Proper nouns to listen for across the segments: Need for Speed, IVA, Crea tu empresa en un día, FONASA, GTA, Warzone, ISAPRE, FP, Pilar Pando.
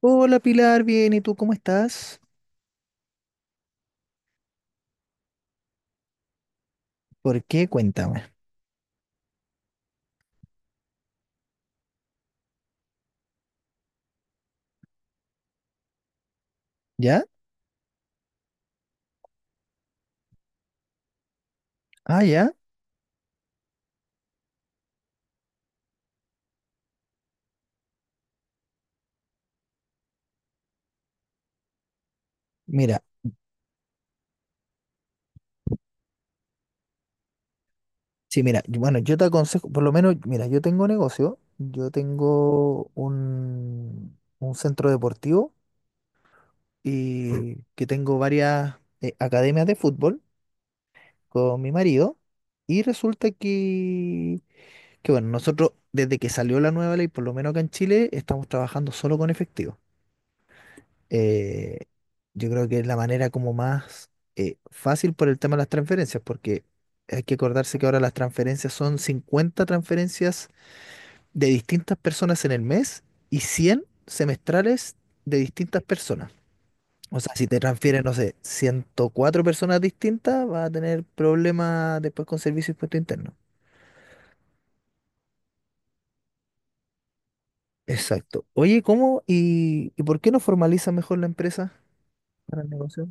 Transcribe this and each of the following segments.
Hola Pilar, bien, ¿y tú cómo estás? ¿Por qué? Cuéntame. ¿Ya? Ah, ya. Mira, sí, mira, yo te aconsejo, por lo menos, mira, yo tengo negocio, yo tengo un centro deportivo y que tengo varias academias de fútbol con mi marido y resulta que, bueno, nosotros desde que salió la nueva ley, por lo menos acá en Chile, estamos trabajando solo con efectivo. eh, yo creo que es la manera como más fácil por el tema de las transferencias, porque hay que acordarse que ahora las transferencias son 50 transferencias de distintas personas en el mes y 100 semestrales de distintas personas. O sea, si te transfieren, no sé, 104 personas distintas, vas a tener problemas después con servicio y impuesto interno. Exacto. Oye, ¿cómo y por qué no formaliza mejor la empresa para el negocio?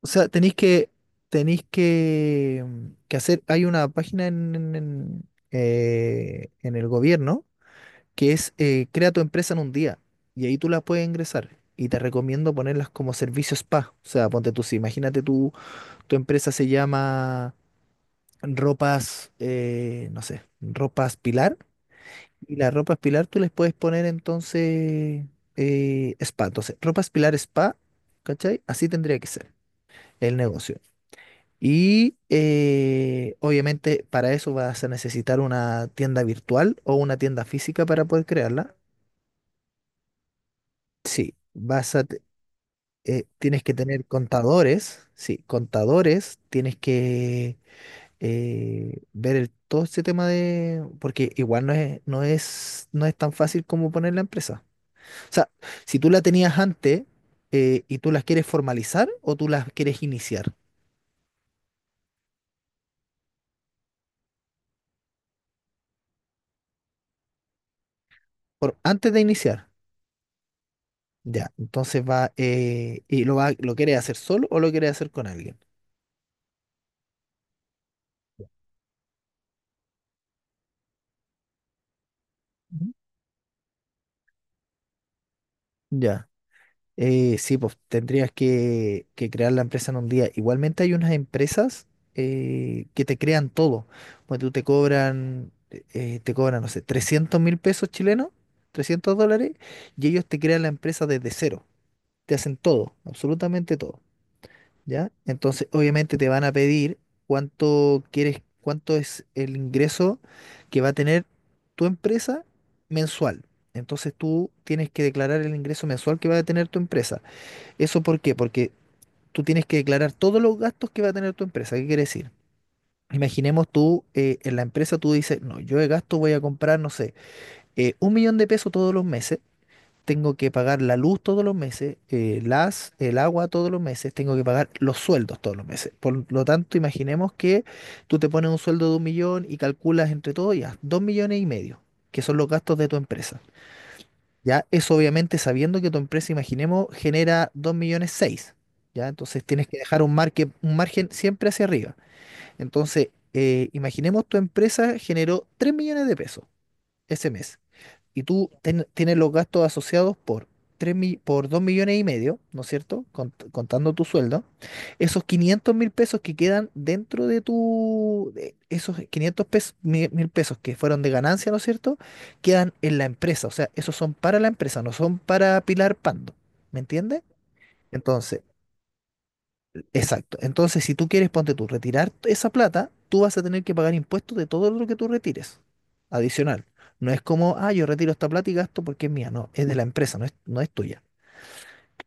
O sea, tenéis que hacer, hay una página en el gobierno que es Crea tu empresa en un día y ahí tú la puedes ingresar y te recomiendo ponerlas como servicio spa. O sea, ponte tú, si imagínate tú, tu empresa se llama Ropas, no sé, Ropas Pilar y las Ropas Pilar tú les puedes poner entonces spa. Entonces, Ropas Pilar Spa, ¿cachai? Así tendría que ser el negocio. Y obviamente para eso vas a necesitar una tienda virtual o una tienda física para poder crearla. Sí, tienes que tener contadores, sí, contadores, tienes que ver todo este tema de, porque igual no es tan fácil como poner la empresa. O sea, si tú la tenías antes y tú las quieres formalizar o tú las quieres iniciar, antes de iniciar. Ya, entonces ¿y lo quieres hacer solo o lo quieres hacer con alguien? Ujú. Ya. Sí, pues tendrías que crear la empresa en un día. Igualmente hay unas empresas que te crean todo. Pues tú te cobran, no sé, 300.000 pesos chilenos, 300 dólares, y ellos te crean la empresa desde cero. Te hacen todo, absolutamente todo. ¿Ya? Entonces, obviamente te van a pedir cuánto quieres, cuánto es el ingreso que va a tener tu empresa mensual. Entonces, tú tienes que declarar el ingreso mensual que va a tener tu empresa. ¿Eso por qué? Porque tú tienes que declarar todos los gastos que va a tener tu empresa. ¿Qué quiere decir? Imaginemos tú, en la empresa tú dices, no, yo de gasto voy a comprar, no sé, 1 millón de pesos todos los meses tengo que pagar la luz todos los meses, el agua todos los meses, tengo que pagar los sueldos todos los meses. Por lo tanto, imaginemos que tú te pones un sueldo de 1 millón y calculas entre todo ya, 2,5 millones, que son los gastos de tu empresa. Ya, eso obviamente sabiendo que tu empresa, imaginemos, genera 2,6 millones. Ya, entonces tienes que dejar un margen siempre hacia arriba. Entonces, imaginemos tu empresa generó 3 millones de pesos ese mes y tú tienes los gastos asociados por 2,5 millones, ¿no es cierto? Contando tu sueldo, esos 500.000 pesos que quedan dentro de esos 500 mil pesos que fueron de ganancia, ¿no es cierto? Quedan en la empresa, o sea, esos son para la empresa, no son para Pilar Pando, ¿me entiendes? Entonces, exacto. Entonces, si tú quieres, ponte tú, retirar esa plata, tú vas a tener que pagar impuestos de todo lo que tú retires, adicional. No es como, ah, yo retiro esta plata y gasto porque es mía. No, es de la empresa, no es tuya.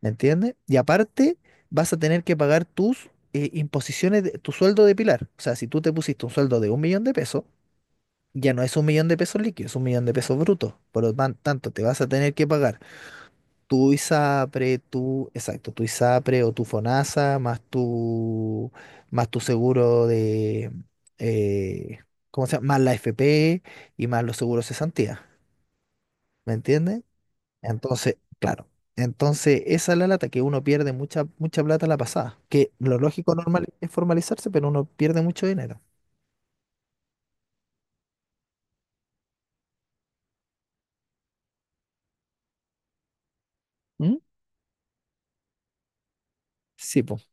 ¿Me entiendes? Y aparte, vas a tener que pagar tus imposiciones, tu sueldo de Pilar. O sea, si tú te pusiste un sueldo de 1 millón de pesos, ya no es 1 millón de pesos líquido, es 1 millón de pesos brutos. Por lo tanto, te vas a tener que pagar tu ISAPRE, tu, exacto, tu ISAPRE o tu FONASA, más tu, seguro, eh, ¿cómo se llama? Más la FP y más los seguros cesantía, ¿me entiendes? Entonces, claro, entonces esa es la lata que uno pierde mucha, mucha plata a la pasada, que lo lógico normal es formalizarse, pero uno pierde mucho dinero. ¿Mm? Sí, pues.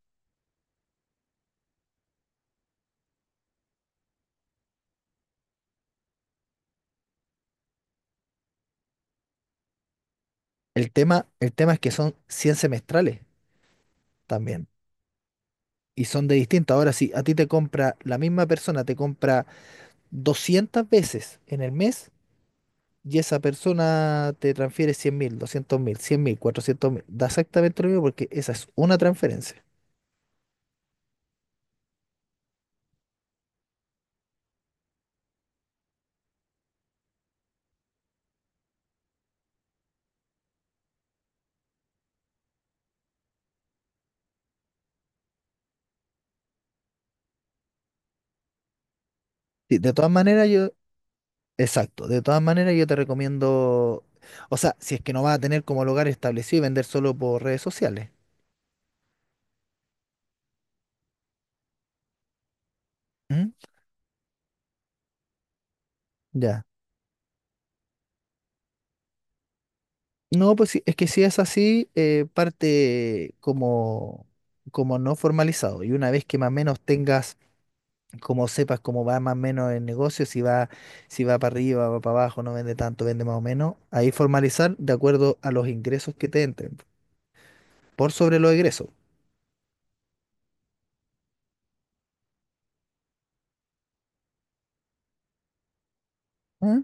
El tema es que son 100 semestrales también. Y son de distintas. Ahora, si a ti te compra, la misma persona te compra 200 veces en el mes y esa persona te transfiere 100.000, 200.000, 100.000, 400.000. Da exactamente lo mismo porque esa es una transferencia. Sí, de todas maneras, exacto, de todas maneras yo te recomiendo, o sea, si es que no vas a tener como lugar establecido y vender solo por redes sociales. ¿Mm? Ya. No, pues sí, es que si es así, parte como no formalizado. Y una vez que más o menos tengas como sepas cómo va más o menos el negocio, si va para arriba, va para abajo, no vende tanto, vende más o menos, ahí formalizar de acuerdo a los ingresos que te entren, por sobre los egresos. ¿Mm?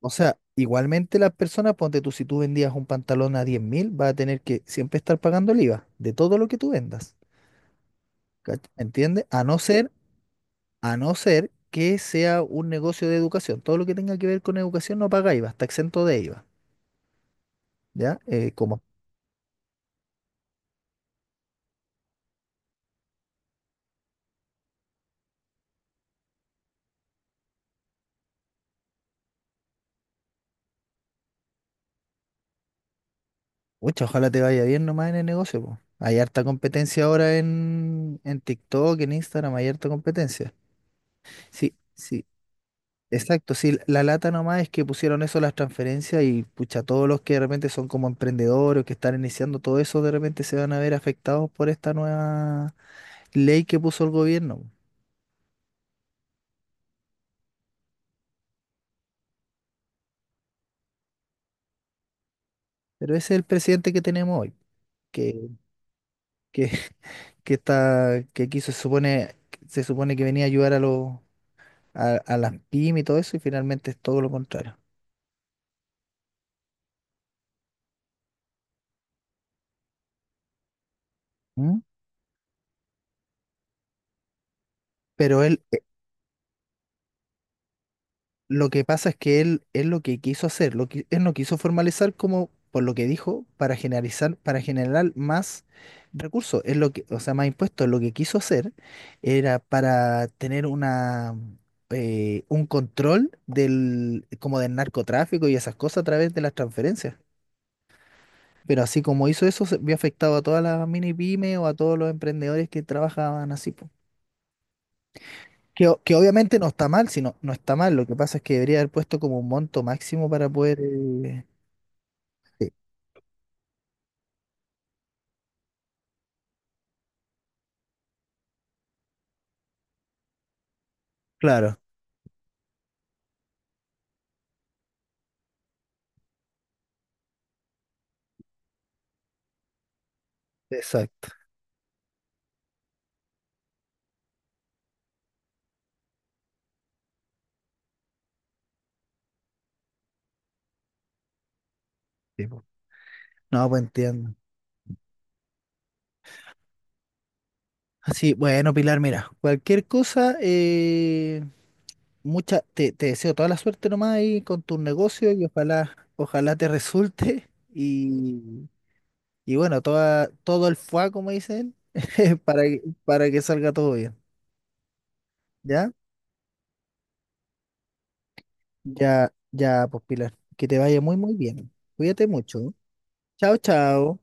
O sea, igualmente las personas, ponte tú, si tú vendías un pantalón a 10.000, vas a tener que siempre estar pagando el IVA de todo lo que tú vendas. ¿Entiendes? A no ser que sea un negocio de educación. Todo lo que tenga que ver con educación no paga IVA, está exento de IVA, ¿ya? Como Pucha, ojalá te vaya bien nomás en el negocio, po. Hay harta competencia ahora en TikTok, en Instagram, hay harta competencia. Sí, sí, exacto. Sí, la lata nomás es que pusieron eso las transferencias y pucha, todos los que de repente son como emprendedores o que están iniciando todo eso, de repente se van a ver afectados por esta nueva ley que puso el gobierno, po. Pero ese es el presidente que tenemos hoy, que, que, que quiso, se supone, que venía a ayudar a los, a las pymes y todo eso, y finalmente es todo lo contrario. ¿Mm? Pero él, lo que pasa es que él lo que quiso hacer, lo que, él no quiso formalizar como, por lo que dijo, para generalizar, para generar más recursos, es lo que, o sea, más impuestos. Lo que quiso hacer era para tener un control como del narcotráfico y esas cosas a través de las transferencias. Pero así como hizo eso, se vio afectado a todas las mini pymes o a todos los emprendedores que trabajaban así, po. Que obviamente no está mal, sino no está mal. Lo que pasa es que debería haber puesto como un monto máximo para poder. Sí, claro, exacto. Sí, po. No, pues entiendo. Así, bueno, Pilar, mira, cualquier cosa, te deseo toda la suerte nomás ahí con tu negocio y ojalá, ojalá te resulte. Y, y bueno, todo el fuá, como dicen, para que salga todo bien. ¿Ya? Ya, ya, pues Pilar, que te vaya muy, muy bien. Cuídate mucho. Chao, chao.